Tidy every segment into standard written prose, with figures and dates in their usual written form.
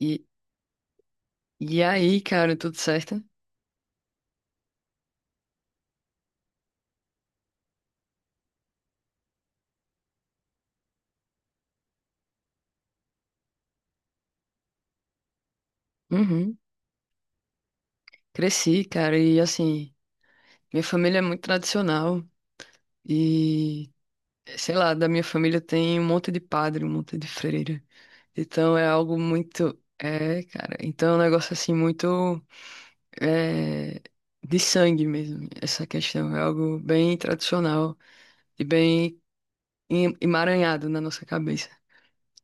E, e aí, cara, tudo certo? Uhum. Cresci, cara, e assim, minha família é muito tradicional e, sei lá, da minha família tem um monte de padre, um monte de freira. Então é algo muito. É, cara. Então é um negócio assim muito. É, de sangue mesmo. Essa questão é algo bem tradicional e bem emaranhado na nossa cabeça.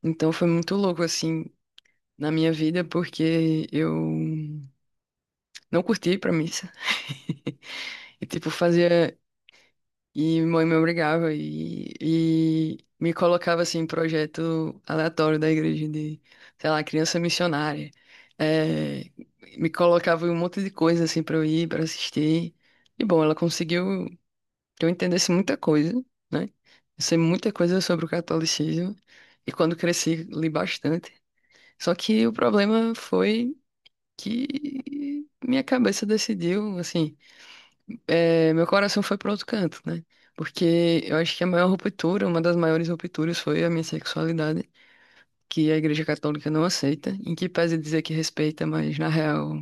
Então foi muito louco assim na minha vida, porque eu não curti ir pra missa. E, tipo, fazia. E mãe me obrigava e me colocava, assim, em projeto aleatório da igreja de, sei lá, criança missionária. É, me colocava em um monte de coisa, assim, pra eu ir, pra assistir. E, bom, ela conseguiu que eu entendesse muita coisa, né? Eu sei muita coisa sobre o catolicismo. E quando cresci, li bastante. Só que o problema foi que minha cabeça decidiu, meu coração foi para outro canto, né? Porque eu acho que a maior ruptura, uma das maiores rupturas foi a minha sexualidade, que a Igreja Católica não aceita, em que pese dizer que respeita, mas na real,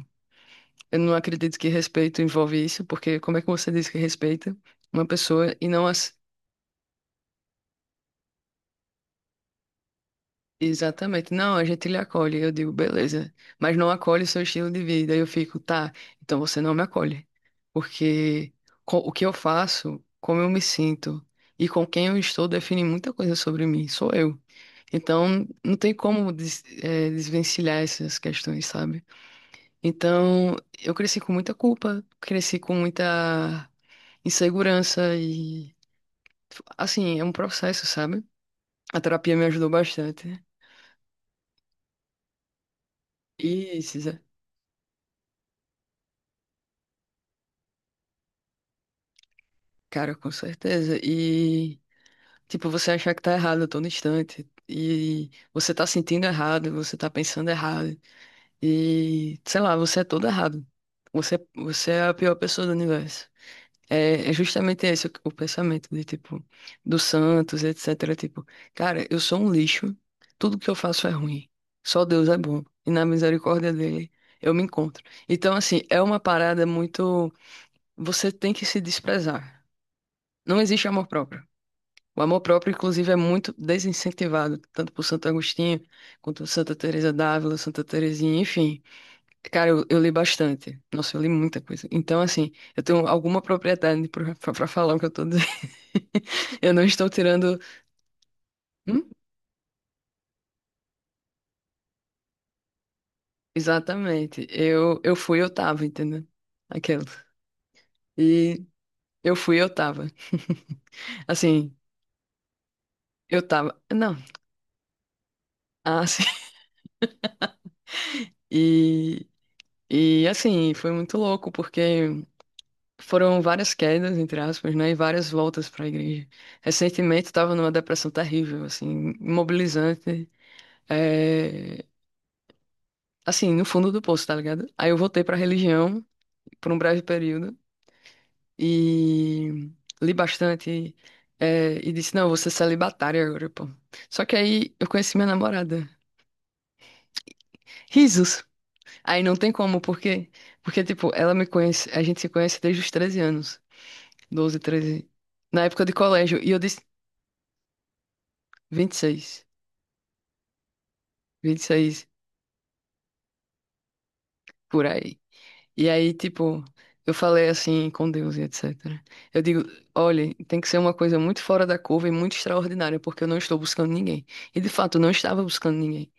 eu não acredito que respeito envolve isso, porque como é que você diz que respeita uma pessoa e não, ace- Exatamente. Não, a gente lhe acolhe. Eu digo, beleza. Mas não acolhe o seu estilo de vida. Aí eu fico, tá, então você não me acolhe. Porque o que eu faço, como eu me sinto e com quem eu estou define muita coisa sobre mim. Sou eu. Então, não tem como desvencilhar essas questões, sabe? Então, eu cresci com muita culpa, cresci com muita insegurança e, assim, é um processo, sabe? A terapia me ajudou bastante. Isso. Cara, com certeza. E, tipo, você achar que tá errado a todo instante. E você tá sentindo errado, você tá pensando errado. E, sei lá, você é todo errado. Você é a pior pessoa do universo. É justamente esse o pensamento de, tipo, do Santos, etc. Tipo, cara, eu sou um lixo. Tudo que eu faço é ruim. Só Deus é bom. E na misericórdia dele, eu me encontro. Então, assim, é uma parada muito. Você tem que se desprezar. Não existe amor próprio. O amor próprio, inclusive, é muito desincentivado, tanto por Santo Agostinho, quanto por Santa Teresa d'Ávila, Santa Teresinha, enfim. Cara, eu li bastante. Nossa, eu li muita coisa. Então, assim, eu tenho alguma propriedade para falar o que eu tô dizendo. Eu não estou tirando. Hum? Exatamente. Eu fui, eu tava, entendeu? Aquela. E eu fui, eu tava. Assim, eu tava. Não. Ah, sim. E, e assim, foi muito louco, porque. Foram várias quedas, entre aspas, né, e várias voltas para a igreja. Recentemente estava numa depressão terrível, assim, imobilizante, é, assim, no fundo do poço, tá ligado? Aí eu voltei para a religião por um breve período e li bastante e disse, não, eu vou ser celibatária agora, pô. Só que aí eu conheci minha namorada. Risos! Aí não tem como, porque. Porque, tipo, ela me conhece, a gente se conhece desde os 13 anos, 12, 13, na época de colégio, e eu disse 26. 26 por aí. E aí, tipo, eu falei assim com Deus e etc. Eu digo, olha, tem que ser uma coisa muito fora da curva e muito extraordinária, porque eu não estou buscando ninguém. E de fato, eu não estava buscando ninguém.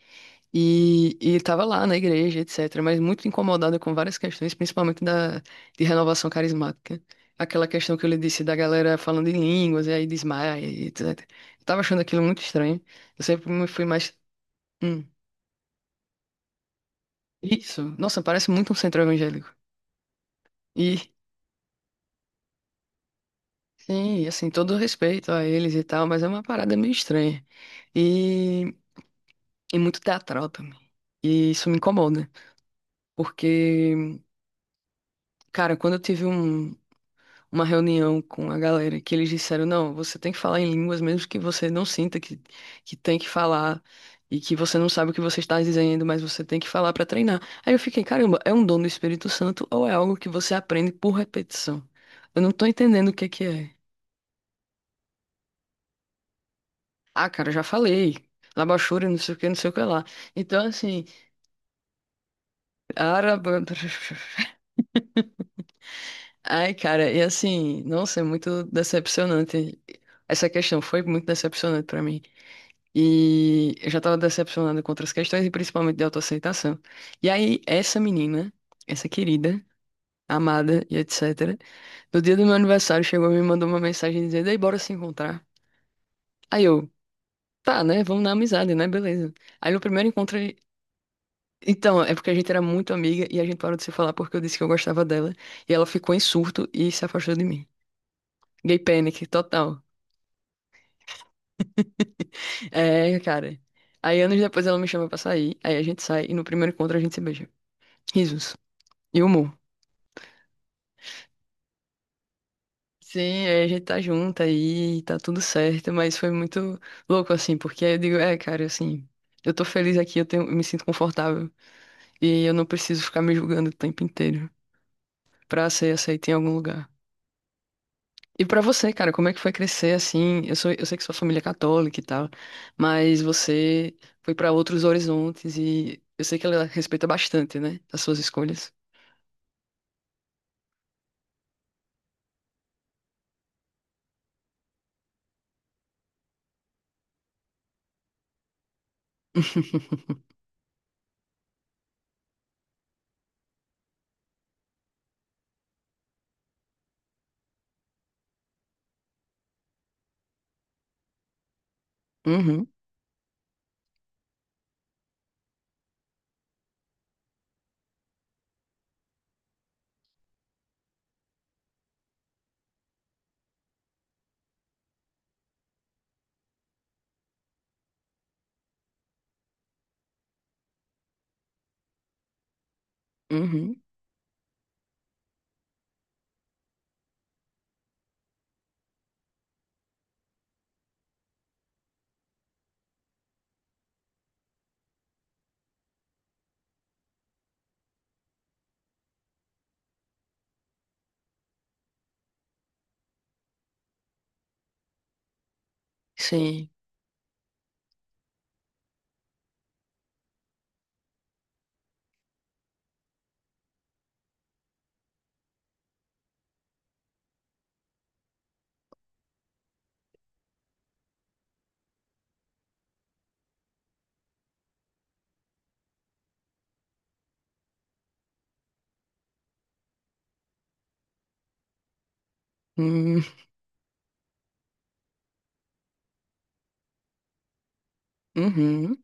E estava lá na igreja, etc., mas muito incomodada com várias questões, principalmente de renovação carismática. Aquela questão que eu lhe disse da galera falando em línguas, e aí desmaia, e etc. Eu tava achando aquilo muito estranho. Eu sempre me fui mais. Hum, isso. Nossa, parece muito um centro evangélico. E Sim, e assim, todo respeito a eles e tal, mas é uma parada meio estranha. E, e muito teatral também. E isso me incomoda. Porque, cara, quando eu tive um, uma reunião com a galera que eles disseram, não, você tem que falar em línguas mesmo que você não sinta que tem que falar e que você não sabe o que você está dizendo, mas você tem que falar para treinar. Aí eu fiquei, caramba, é um dom do Espírito Santo ou é algo que você aprende por repetição? Eu não tô entendendo o que é. Ah, cara, já falei. Labachura, não sei o que, não sei o que lá. Então, assim, araba... Ai, cara, e assim, nossa, é muito decepcionante. Essa questão foi muito decepcionante pra mim. E eu já tava decepcionado com outras questões, e principalmente de autoaceitação. E aí, essa menina, essa querida, amada e etc., no dia do meu aniversário, chegou e me mandou uma mensagem dizendo: Ei, bora se encontrar. Aí eu, tá, né? Vamos na amizade, né? Beleza. Aí no primeiro encontro. Então, é porque a gente era muito amiga e a gente parou de se falar porque eu disse que eu gostava dela. E ela ficou em surto e se afastou de mim. Gay panic, total. É, cara. Aí anos depois ela me chama pra sair, aí a gente sai e no primeiro encontro a gente se beija. Risos. E humor. Sim, aí a gente tá junto aí, tá tudo certo, mas foi muito louco assim, porque aí eu digo, é, cara, assim, eu tô feliz aqui, eu tenho, eu me sinto confortável e eu não preciso ficar me julgando o tempo inteiro pra ser aceito em algum lugar. E pra você, cara, como é que foi crescer assim? Eu sou, eu sei que sua família é católica e tal, mas você foi pra outros horizontes e eu sei que ela respeita bastante, né, as suas escolhas. Uhum, uhum, sim, uhum, uhum,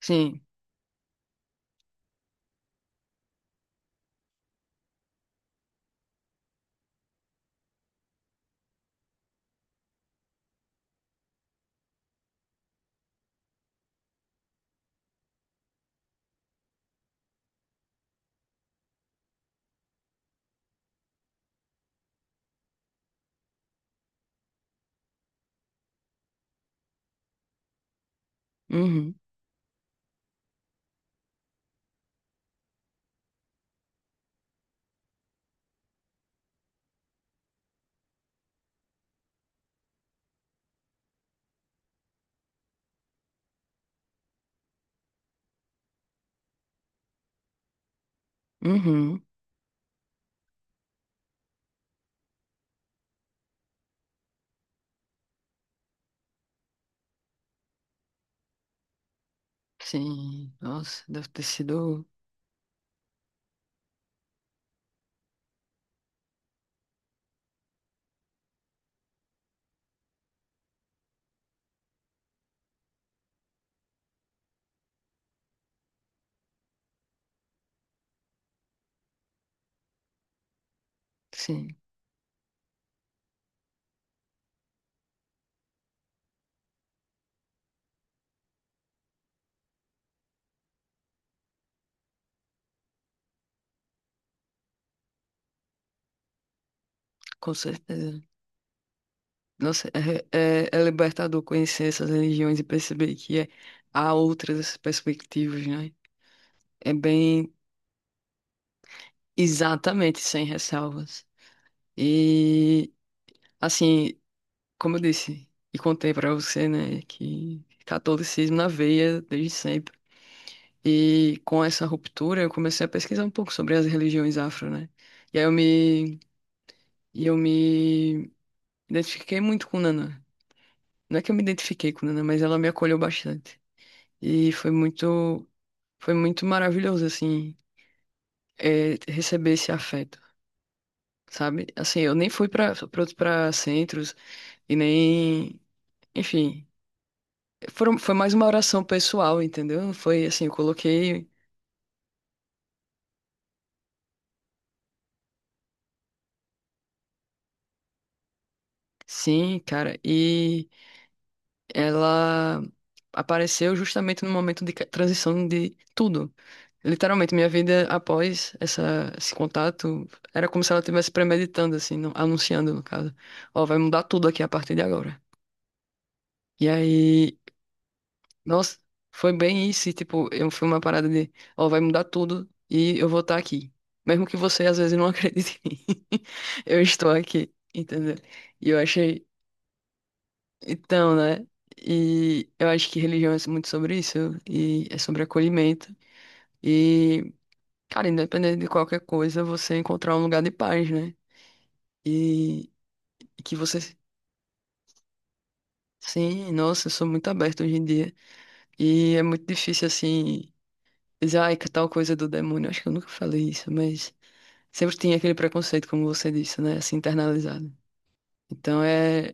sim, uhum, uhum, sim. Nossa, deve ter sido, sim, com certeza. Nossa, é, é, é libertador conhecer essas religiões e perceber que é, há outras perspectivas, né? É bem. Exatamente, sem ressalvas. E, assim, como eu disse e contei pra você, né, que catolicismo na veia desde sempre. E com essa ruptura, eu comecei a pesquisar um pouco sobre as religiões afro, né? E aí eu me, e eu me identifiquei muito com Nana. Não é que eu me identifiquei com Nana, mas ela me acolheu bastante. E foi muito, foi muito maravilhoso, assim, receber esse afeto. Sabe? Assim, eu nem fui para centros. E nem. Enfim, foi mais uma oração pessoal, entendeu? Foi assim, eu coloquei. Sim, cara. E ela apareceu justamente no momento de transição de tudo. Literalmente, minha vida após esse contato era como se ela estivesse premeditando, assim, anunciando, no caso. Ó, vai mudar tudo aqui a partir de agora. E aí. Nossa, foi bem isso. E, tipo, eu fui uma parada de, ó, vai mudar tudo e eu vou estar aqui. Mesmo que você às vezes não acredite em mim, eu estou aqui, entendeu? E eu achei. Então, né? E eu acho que religião é muito sobre isso, e é sobre acolhimento. E, cara, independente de qualquer coisa, você encontrar um lugar de paz, né? E que você. Sim, nossa, eu sou muito aberto hoje em dia. E é muito difícil, assim, dizer, ai, que tal coisa do demônio. Acho que eu nunca falei isso, mas sempre tinha aquele preconceito, como você disse, né? Assim, internalizado. Então é.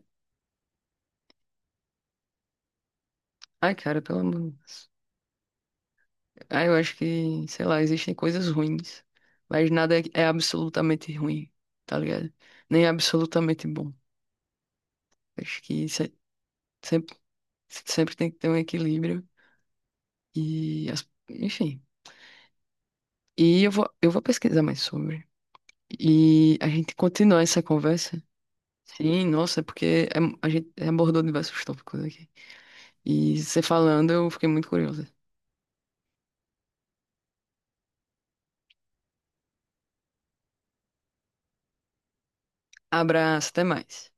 Ai, cara, pelo amor de Deus. Ai, eu acho que, sei lá, existem coisas ruins, mas nada é, é absolutamente ruim, tá ligado? Nem é absolutamente bom. Acho que se- sempre, sempre tem que ter um equilíbrio Enfim. Eu vou pesquisar mais sobre. E a gente continua essa conversa. Sim, nossa, é porque é- a gente é abordou diversos tópicos aqui. E você falando, eu fiquei muito curiosa. Abraço, até mais.